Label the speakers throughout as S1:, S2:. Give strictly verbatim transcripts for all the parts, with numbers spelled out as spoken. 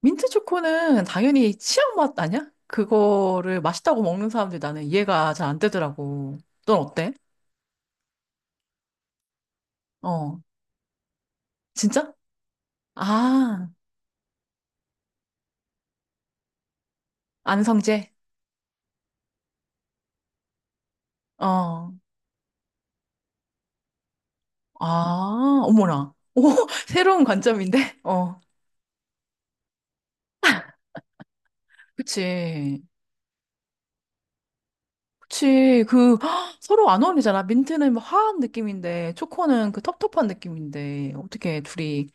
S1: 민트 초코는 당연히 치약 맛 아니야? 그거를 맛있다고 먹는 사람들 이 나는 이해가 잘 안 되더라고. 넌 어때? 어, 진짜? 아, 안성재? 어, 아, 어머나. 오, 새로운 관점인데? 어, 그치. 그치. 그, 헉, 서로 안 어울리잖아. 민트는 뭐 화한 느낌인데, 초코는 그 텁텁한 느낌인데, 어떻게 둘이,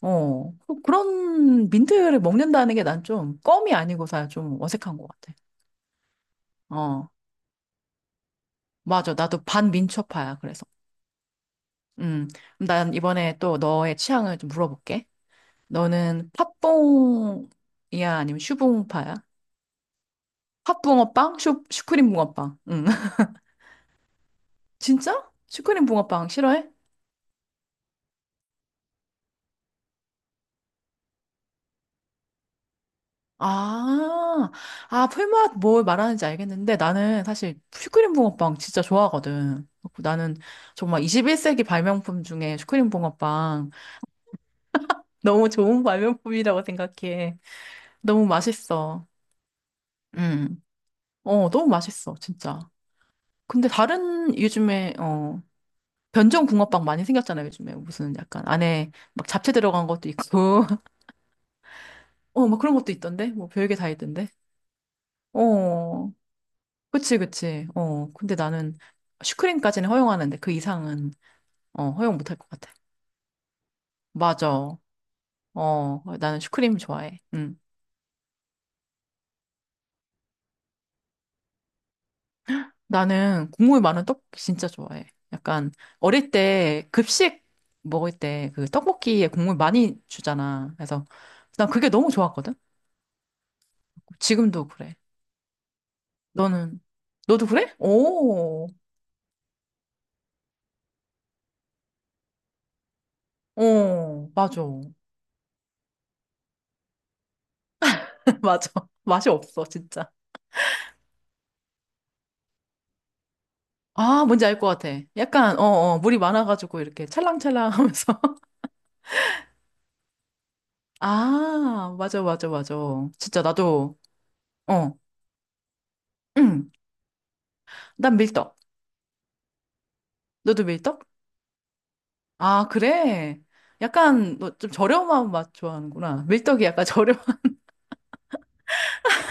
S1: 어, 그- 그런 민트를 먹는다는 게 난 좀 껌이 아니고서야 좀 어색한 것 같아. 어. 맞아. 나도 반민초파야. 그래서. 음. 그럼 난 이번에 또 너의 취향을 좀 물어볼게. 너는 팥붕이야? 아니면 슈붕파야? 팥붕어빵? 슈, 슈크림 붕어빵. 응 진짜? 슈크림 붕어빵 싫어해? 아, 아, 풀맛 뭘 말하는지 알겠는데 나는 사실 슈크림 붕어빵 진짜 좋아하거든. 그래서 나는 정말 이십일 세기 발명품 중에 슈크림 붕어빵 너무 좋은 발명품이라고 생각해. 너무 맛있어. 음. 어, 너무 맛있어, 진짜. 근데 다른 요즘에, 어, 변종 붕어빵 많이 생겼잖아요, 요즘에. 무슨 약간 안에 막 잡채 들어간 것도 있고. 어, 막 그런 것도 있던데? 뭐 별게 다 있던데? 어, 그치, 그치. 어, 근데 나는 슈크림까지는 허용하는데 그 이상은, 어, 허용 못 할 것 같아. 맞아. 어, 나는 슈크림 좋아해. 응. 나는 국물 많은 떡볶이 진짜 좋아해. 약간 어릴 때 급식 먹을 때 그 떡볶이에 국물 많이 주잖아. 그래서 난 그게 너무 좋았거든. 지금도 그래. 너는 너도 그래? 오, 어, 맞아, 맞아. 맛이 없어, 진짜. 아, 뭔지 알 것 같아. 약간 어, 어, 물이 많아가지고 이렇게 찰랑찰랑하면서. 아, 맞아, 맞아, 맞아. 진짜 나도 어, 응. 난 밀떡. 너도 밀떡? 아, 그래? 약간 너 좀 저렴한 맛 좋아하는구나. 밀떡이 약간 저렴.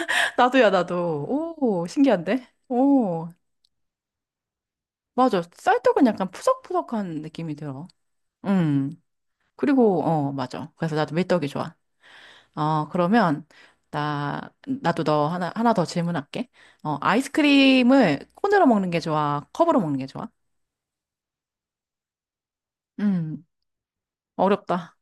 S1: 나도야, 나도. 오, 신기한데? 오, 맞아. 쌀떡은 약간 푸석푸석한 느낌이 들어. 음. 그리고 어, 맞아. 그래서 나도 밀떡이 좋아. 어, 그러면 나 나도 너 하나 하나 더 질문할게. 어, 아이스크림을 콘으로 먹는 게 좋아? 컵으로 먹는 게 좋아? 음. 어렵다.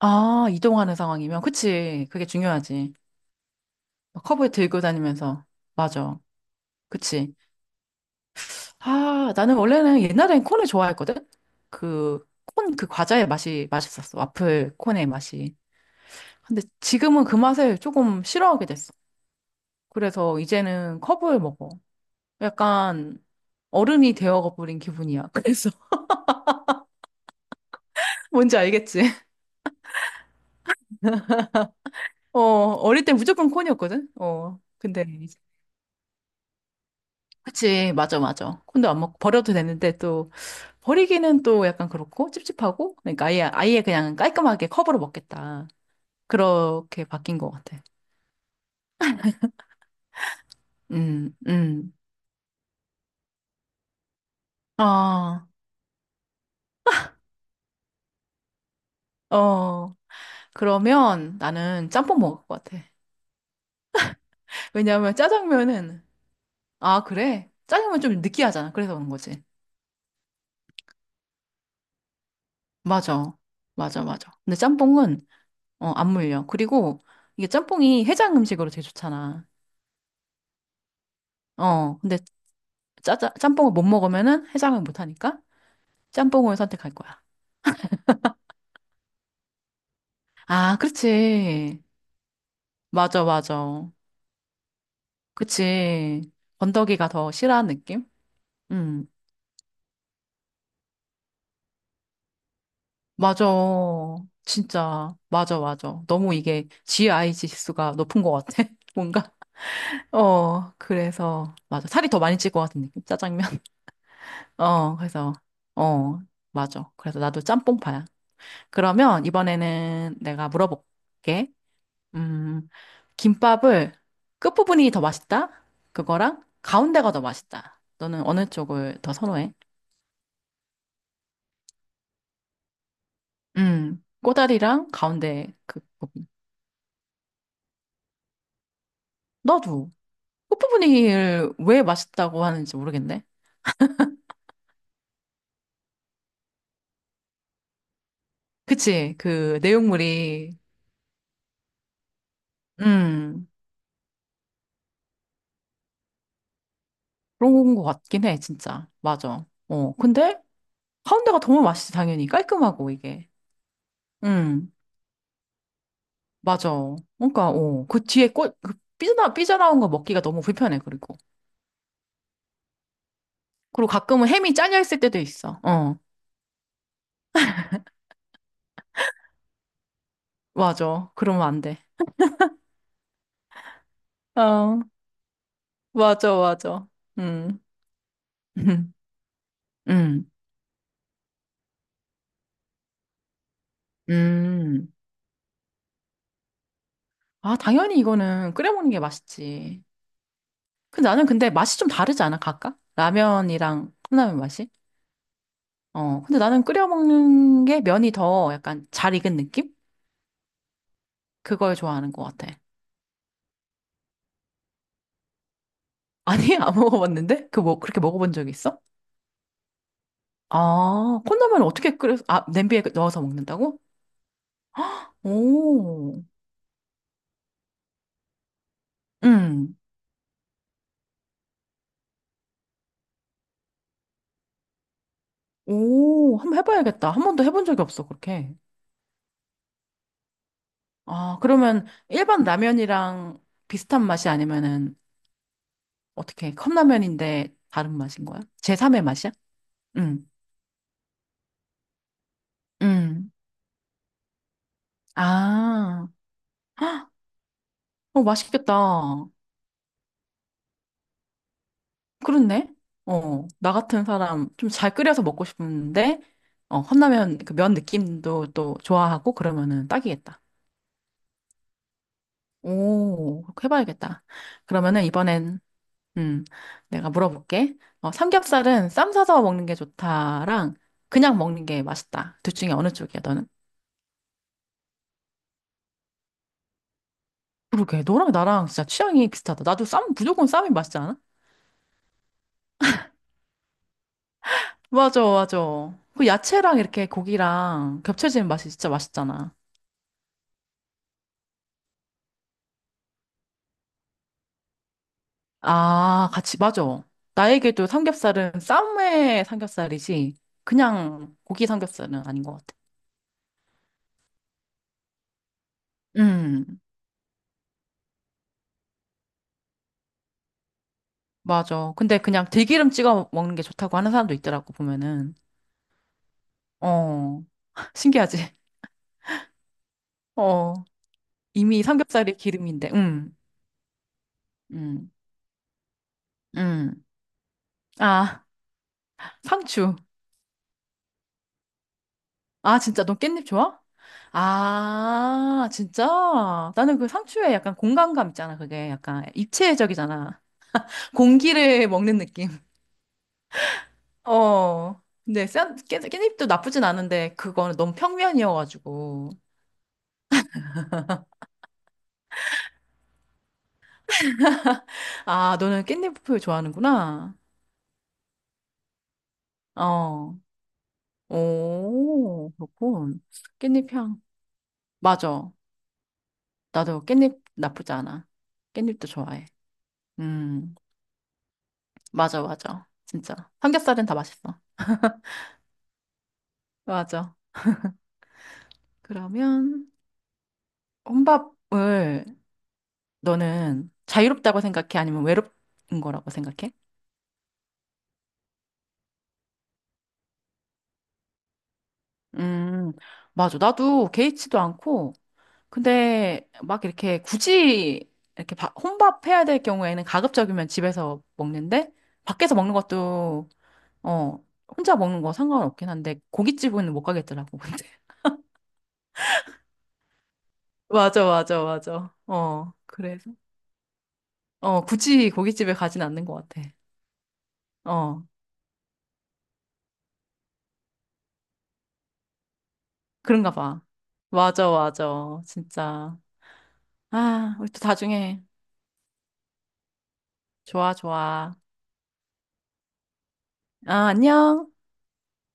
S1: 아, 이동하는 상황이면 그치. 그게 중요하지. 컵을 들고 다니면서 맞아. 그치. 아, 나는 원래는 옛날엔 콘을 좋아했거든? 그, 콘 그 과자의 맛이 맛있었어. 와플 콘의 맛이. 근데 지금은 그 맛을 조금 싫어하게 됐어. 그래서 이제는 컵을 먹어. 약간 어른이 되어버린 기분이야. 그래서 뭔지 알겠지? 어, 어릴 땐 무조건 콘이었거든? 어, 근데 이제- 그치, 맞아, 맞아. 콘도 안 먹고 버려도 되는데 또 버리기는 또 약간 그렇고 찝찝하고 그러니까 아예, 아예 그냥 깔끔하게 컵으로 먹겠다. 그렇게 바뀐 것 같아. 음, 음. 아, 어. 그러면 나는 짬뽕 먹을 것 같아. 왜냐하면 짜장면은, 아, 그래? 짜장면 좀 느끼하잖아. 그래서 그런 거지. 맞아. 맞아, 맞아. 근데 짬뽕은, 어, 안 물려. 그리고 이게 짬뽕이 해장 음식으로 되게 좋잖아. 어, 근데 짜자, 짬뽕을 못 먹으면은 해장을 못 하니까 짬뽕을 선택할 거야. 아, 그렇지. 맞아, 맞아. 그치. 건더기가 더 싫어하는 느낌? 음. 맞아. 진짜. 맞아, 맞아. 너무 이게 지아이 지수가 높은 것 같아. 뭔가. 어, 그래서. 맞아. 살이 더 많이 찔 것 같은 느낌. 짜장면. 어, 그래서. 어, 맞아. 그래서 나도 짬뽕파야. 그러면 이번에는 내가 물어볼게. 음, 김밥을 끝부분이 더 맛있다? 그거랑 가운데가 더 맛있다. 너는 어느 쪽을 더 선호해? 음, 꼬다리랑 가운데 그 부분. 너도. 호프무늬를 왜 맛있다고 하는지 모르겠네. 그치, 그 내용물이, 음, 그런 것 같긴 해, 진짜. 맞아. 어, 근데 가운데가 더 맛있지, 당연히. 깔끔하고, 이게. 음, 맞아. 그러니까, 어, 그 뒤에 꽃, 그 삐져나, 삐져나온 거 먹기가 너무 불편해, 그리고. 그리고 가끔은 햄이 잘려있을 때도 있어. 어, 맞아. 그러면 안 돼. 어, 맞아, 맞아. 음, 음, 음. 아, 당연히 이거는 끓여 먹는 게 맛있지. 근데 나는 근데 맛이 좀 다르지 않아, 각각? 라면이랑 컵라면 맛이? 어, 근데 나는 끓여 먹는 게 면이 더 약간 잘 익은 느낌? 그걸 좋아하는 것 같아. 아니, 안 먹어봤는데? 그 뭐, 그렇게 먹어본 적 있어? 아, 컵라면 어떻게 끓여, 아, 냄비에 넣어서 먹는다고? 오, 음, 오, 한번 해봐야겠다. 한 번도 해본 적이 없어, 그렇게. 아, 그러면 일반 라면이랑 비슷한 맛이 아니면은 어떻게 컵라면인데 다른 맛인 거야? 제삼의 맛이야? 응, 음. 응 아, 헉, 어, 맛있겠다. 그렇네. 어, 나 같은 사람 좀 잘 끓여서 먹고 싶은데, 어, 컵라면 그 면 느낌도 또 좋아하고 그러면은 딱이겠다. 오, 그렇게 해봐야겠다. 그러면은 이번엔, 음, 내가 물어볼게. 어, 삼겹살은 쌈 싸서 먹는 게 좋다랑 그냥 먹는 게 맛있다. 둘 중에 어느 쪽이야, 너는? 그러게, 너랑 나랑 진짜 취향이 비슷하다. 나도 쌈, 무조건 쌈이 맛있지 않아? 맞아, 맞아. 그 야채랑 이렇게 고기랑 겹쳐지는 맛이 진짜 맛있잖아. 아, 같이, 맞아. 나에게도 삼겹살은 쌈의 삼겹살이지, 그냥 고기 삼겹살은 아닌 것 같아. 음, 맞아. 근데 그냥 들기름 찍어 먹는 게 좋다고 하는 사람도 있더라고, 보면은. 어, 신기하지? 어, 이미 삼겹살이 기름인데, 음, 음, 음. 아, 상추. 아, 진짜 너 깻잎 좋아? 아, 진짜? 나는 그 상추에 약간 공간감 있잖아, 그게. 약간 입체적이잖아. 공기를 먹는 느낌. 어. 근데 쌈- 깻- 깻잎도 나쁘진 않은데, 그거는 너무 평면이어가지고. 아, 너는 깻잎을 좋아하는구나. 어. 오, 그렇군. 깻잎 향. 맞아. 나도 깻잎 나쁘지 않아. 깻잎도 좋아해. 음, 맞아, 맞아. 진짜. 삼겹살은 다 맛있어. 맞아. 그러면 혼밥을 너는 자유롭다고 생각해? 아니면 외롭은 거라고 생각해? 음, 맞아. 나도 개의치도 않고, 근데 막 이렇게 굳이 이렇게 바- 혼밥해야 될 경우에는 가급적이면 집에서 먹는데, 밖에서 먹는 것도, 어, 혼자 먹는 거 상관없긴 한데, 고깃집은 못 가겠더라고, 근데. 맞아, 맞아, 맞아. 어, 그래서. 어, 굳이 고깃집에 가진 않는 것 같아. 어. 그런가 봐. 맞아, 맞아. 진짜. 아, 우리 또 나중에. 좋아, 좋아. 아, 안녕.